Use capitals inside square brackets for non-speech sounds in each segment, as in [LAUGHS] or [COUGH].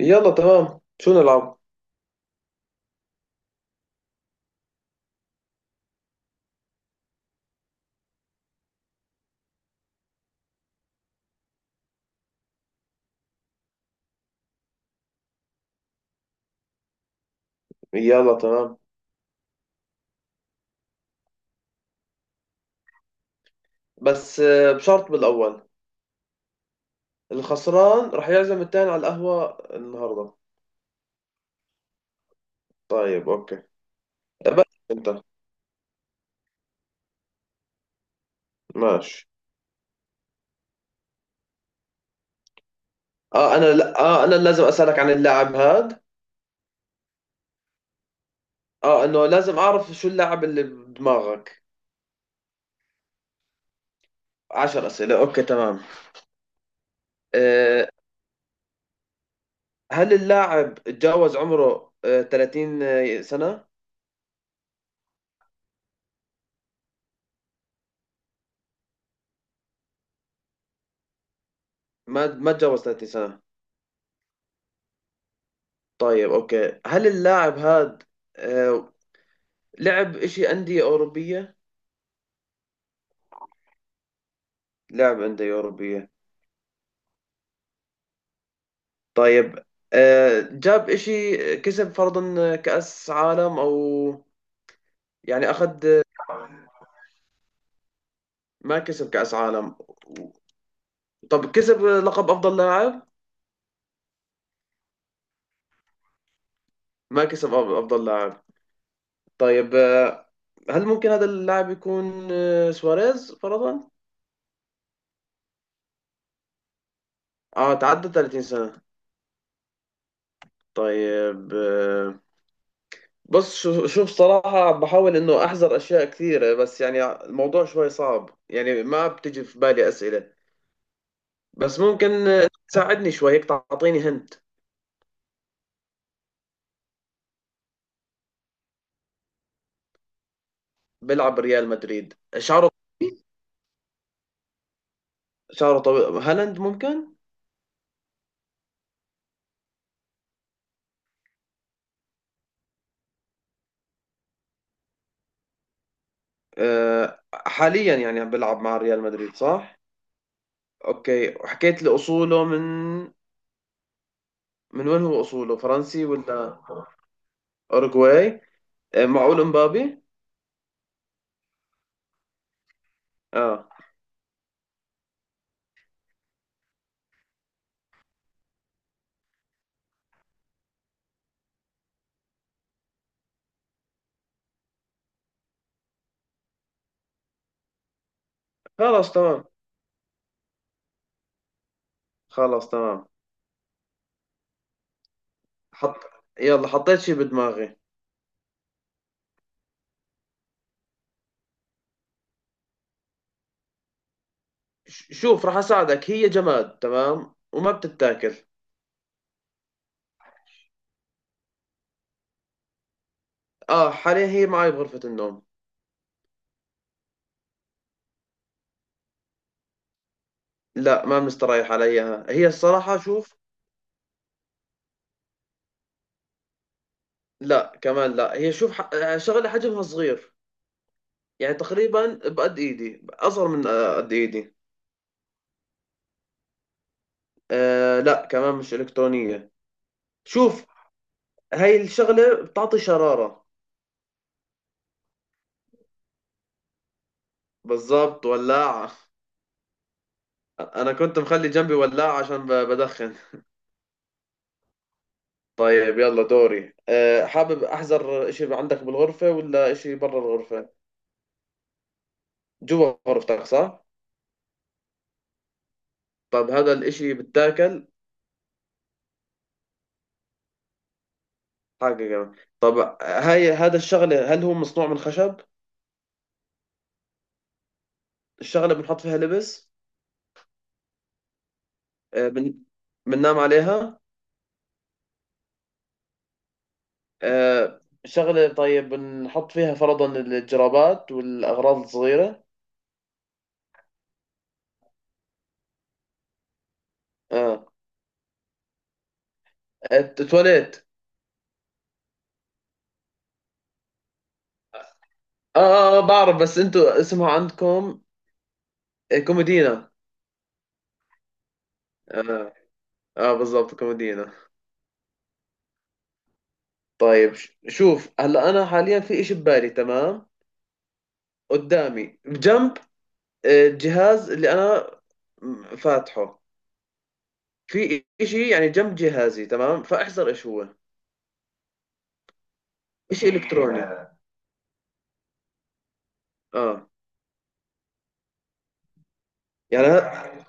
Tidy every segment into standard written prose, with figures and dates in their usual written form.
يلا تمام شو نلعب يلا تمام بس بشرط بالأول. الخسران رح يعزم التاني على القهوة النهاردة. طيب أوكي بس أنت ماشي. أنا لا، أنا لازم أسألك عن اللاعب هاد. إنه لازم أعرف شو اللاعب اللي بدماغك. عشر أسئلة أوكي تمام. آه هل اللاعب تجاوز عمره 30 سنة؟ ما تجاوز 30 سنة. طيب أوكي، هل اللاعب هاد آه لعب إشي أندية أوروبية؟ لعب اندوأوروبية. طيب، جاب إشي كسب فرضا كأس عالم أو يعني أخذ؟ ما كسب كأس عالم. طب كسب لقب أفضل لاعب؟ ما كسب أف- أفضل لاعب. طيب هل ممكن هذا اللاعب يكون سواريز فرضا؟ تعدى 30 سنة. طيب بص، شوف صراحة عم بحاول إنه أحذر أشياء كثيرة، بس يعني الموضوع شوي صعب، يعني ما بتجي في بالي أسئلة. بس ممكن تساعدني شوي هيك تعطيني هنت. بيلعب بريال مدريد، شعره طويل. شعره طويل، هالاند ممكن؟ حاليا يعني عم بيلعب مع ريال مدريد صح؟ اوكي، وحكيت لي اصوله من، من وين هو؟ اصوله فرنسي ولا اوروغواي؟ معقول امبابي؟ اه خلاص تمام. خلاص تمام. حط، يلا حطيت شي بدماغي. شوف راح اساعدك، هي جماد تمام وما بتتاكل. اه حاليا هي معي بغرفة النوم. لا ما مستريح عليها، هي الصراحة شوف. لا كمان لا، هي شوف شغلة حجمها صغير. يعني تقريبا بقد ايدي، اصغر من قد ايدي. آه لا كمان مش الكترونية. شوف، هاي الشغلة بتعطي شرارة. بالضبط ولاعة. انا كنت مخلي جنبي ولاعة عشان بدخن. طيب يلا دوري. حابب احذر اشي عندك بالغرفة ولا اشي برا الغرفة؟ جوا غرفتك صح؟ طب هذا الاشي بتاكل؟ حاجة جميلة. طب هاي هذا الشغل هل هو مصنوع من خشب؟ الشغلة بنحط فيها لبس؟ آه، بن بننام عليها؟ شغلة طيب بنحط فيها فرضا الجرابات والأغراض الصغيرة؟ اه التواليت؟ اه اه، بعرف بس انتوا اسمها عندكم كومودينا. اه اه بالضبط كومودينا. طيب شوف هلا انا حاليا في اشي ببالي تمام قدامي بجنب الجهاز اللي انا فاتحه، في إشي يعني جنب جهازي تمام فاحذر إيش هو. إشي إلكتروني. آه يعني ه-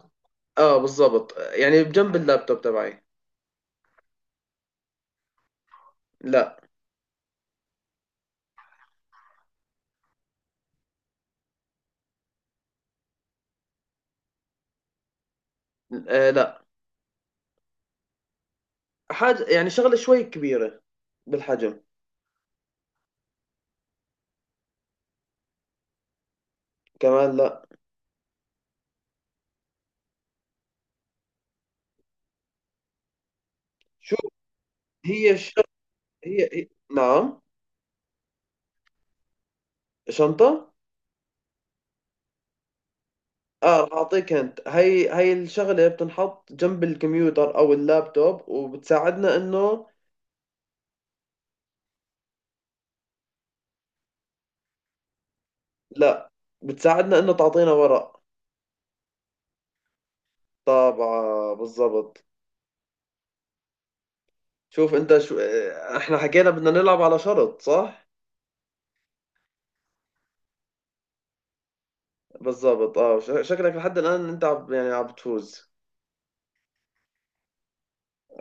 بالضبط، يعني بجنب اللابتوب تبعي. لا. آه لا. حاجة يعني شغلة شوي كبيرة بالحجم. كمان لا. شو هي الشغلة؟ هي. نعم، شنطة. اه رح اعطيك انت، هي هي الشغلة بتنحط جنب الكمبيوتر او اللابتوب وبتساعدنا انه. لا، بتساعدنا انه تعطينا ورق. طابعة بالضبط. شوف انت شو، اه، احنا حكينا بدنا نلعب على شرط صح؟ بالضبط. اه شكلك لحد الان انت عب، يعني عم بتفوز.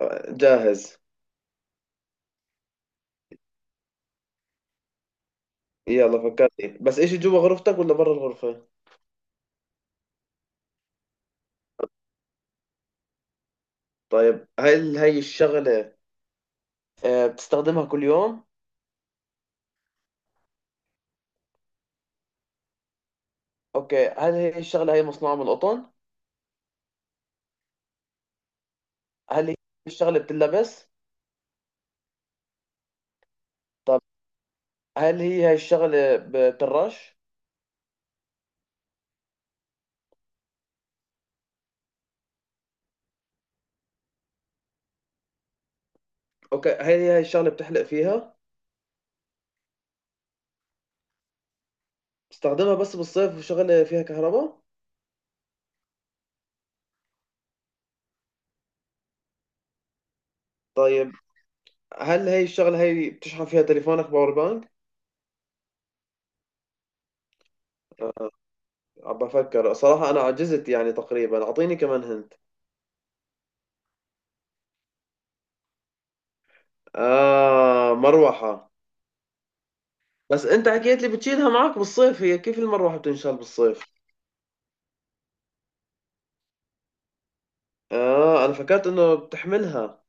اه، جاهز. يلا فكرني بس، ايش جوا غرفتك ولا برا الغرفة؟ طيب هل هي الشغلة اه، بتستخدمها كل يوم؟ اوكي هل هي الشغلة هي مصنوعة من القطن؟ هل هي الشغلة بتلبس؟ طب هل هي هاي الشغلة بترش؟ اوكي هل هي هاي الشغلة بتحلق فيها؟ بتستخدمها بس بالصيف وشغلة فيها كهرباء؟ طيب هل هي الشغلة هي بتشحن فيها تليفونك، باور بانك؟ عم بفكر صراحة، أنا عجزت يعني تقريبا، أعطيني كمان هنت. آه مروحة. بس أنت حكيت لي بتشيلها معك بالصيف، هي كيف المروحة بتنشال بالصيف؟ آه أنا فكرت إنه بتحملها.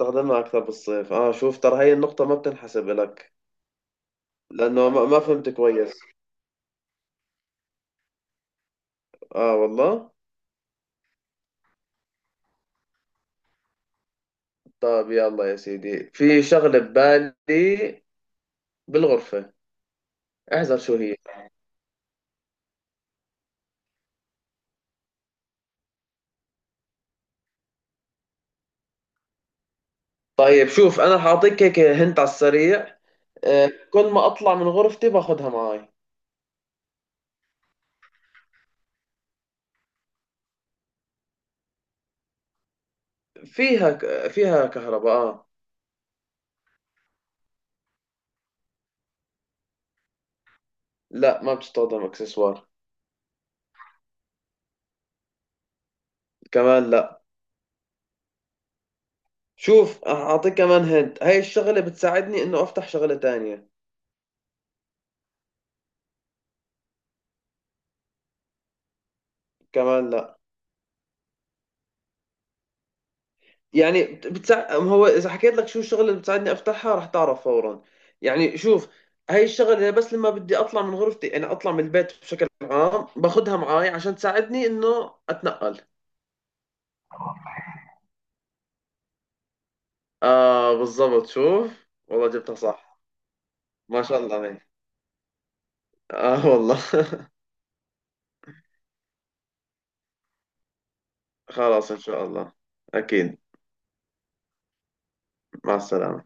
بتستخدمها أكثر بالصيف. آه شوف ترى هي النقطة ما بتنحسب لك، لأنه ما فهمت كويس. آه والله. طيب يلا يا سيدي، في شغلة ببالي بالغرفة، احذر شو هي. طيب شوف أنا حاعطيك هيك هنت على السريع، كل ما اطلع من غرفتي باخذها معاي. فيها كهرباء آه. لا ما بتستخدم اكسسوار. كمان لا. شوف اعطيك كمان هنت، هاي الشغله بتساعدني انه افتح شغله تانية. كمان لا. يعني بتساعد، هو اذا حكيت لك شو الشغله اللي بتساعدني افتحها رح تعرف فورا، يعني شوف، هاي الشغله بس لما بدي اطلع من غرفتي انا اطلع من البيت بشكل عام باخذها معاي عشان تساعدني انه اتنقل. اه بالضبط شوف. والله جبتها صح. ما شاء الله عليك. اه والله [LAUGHS] خلاص إن شاء الله، أكيد. مع السلامة.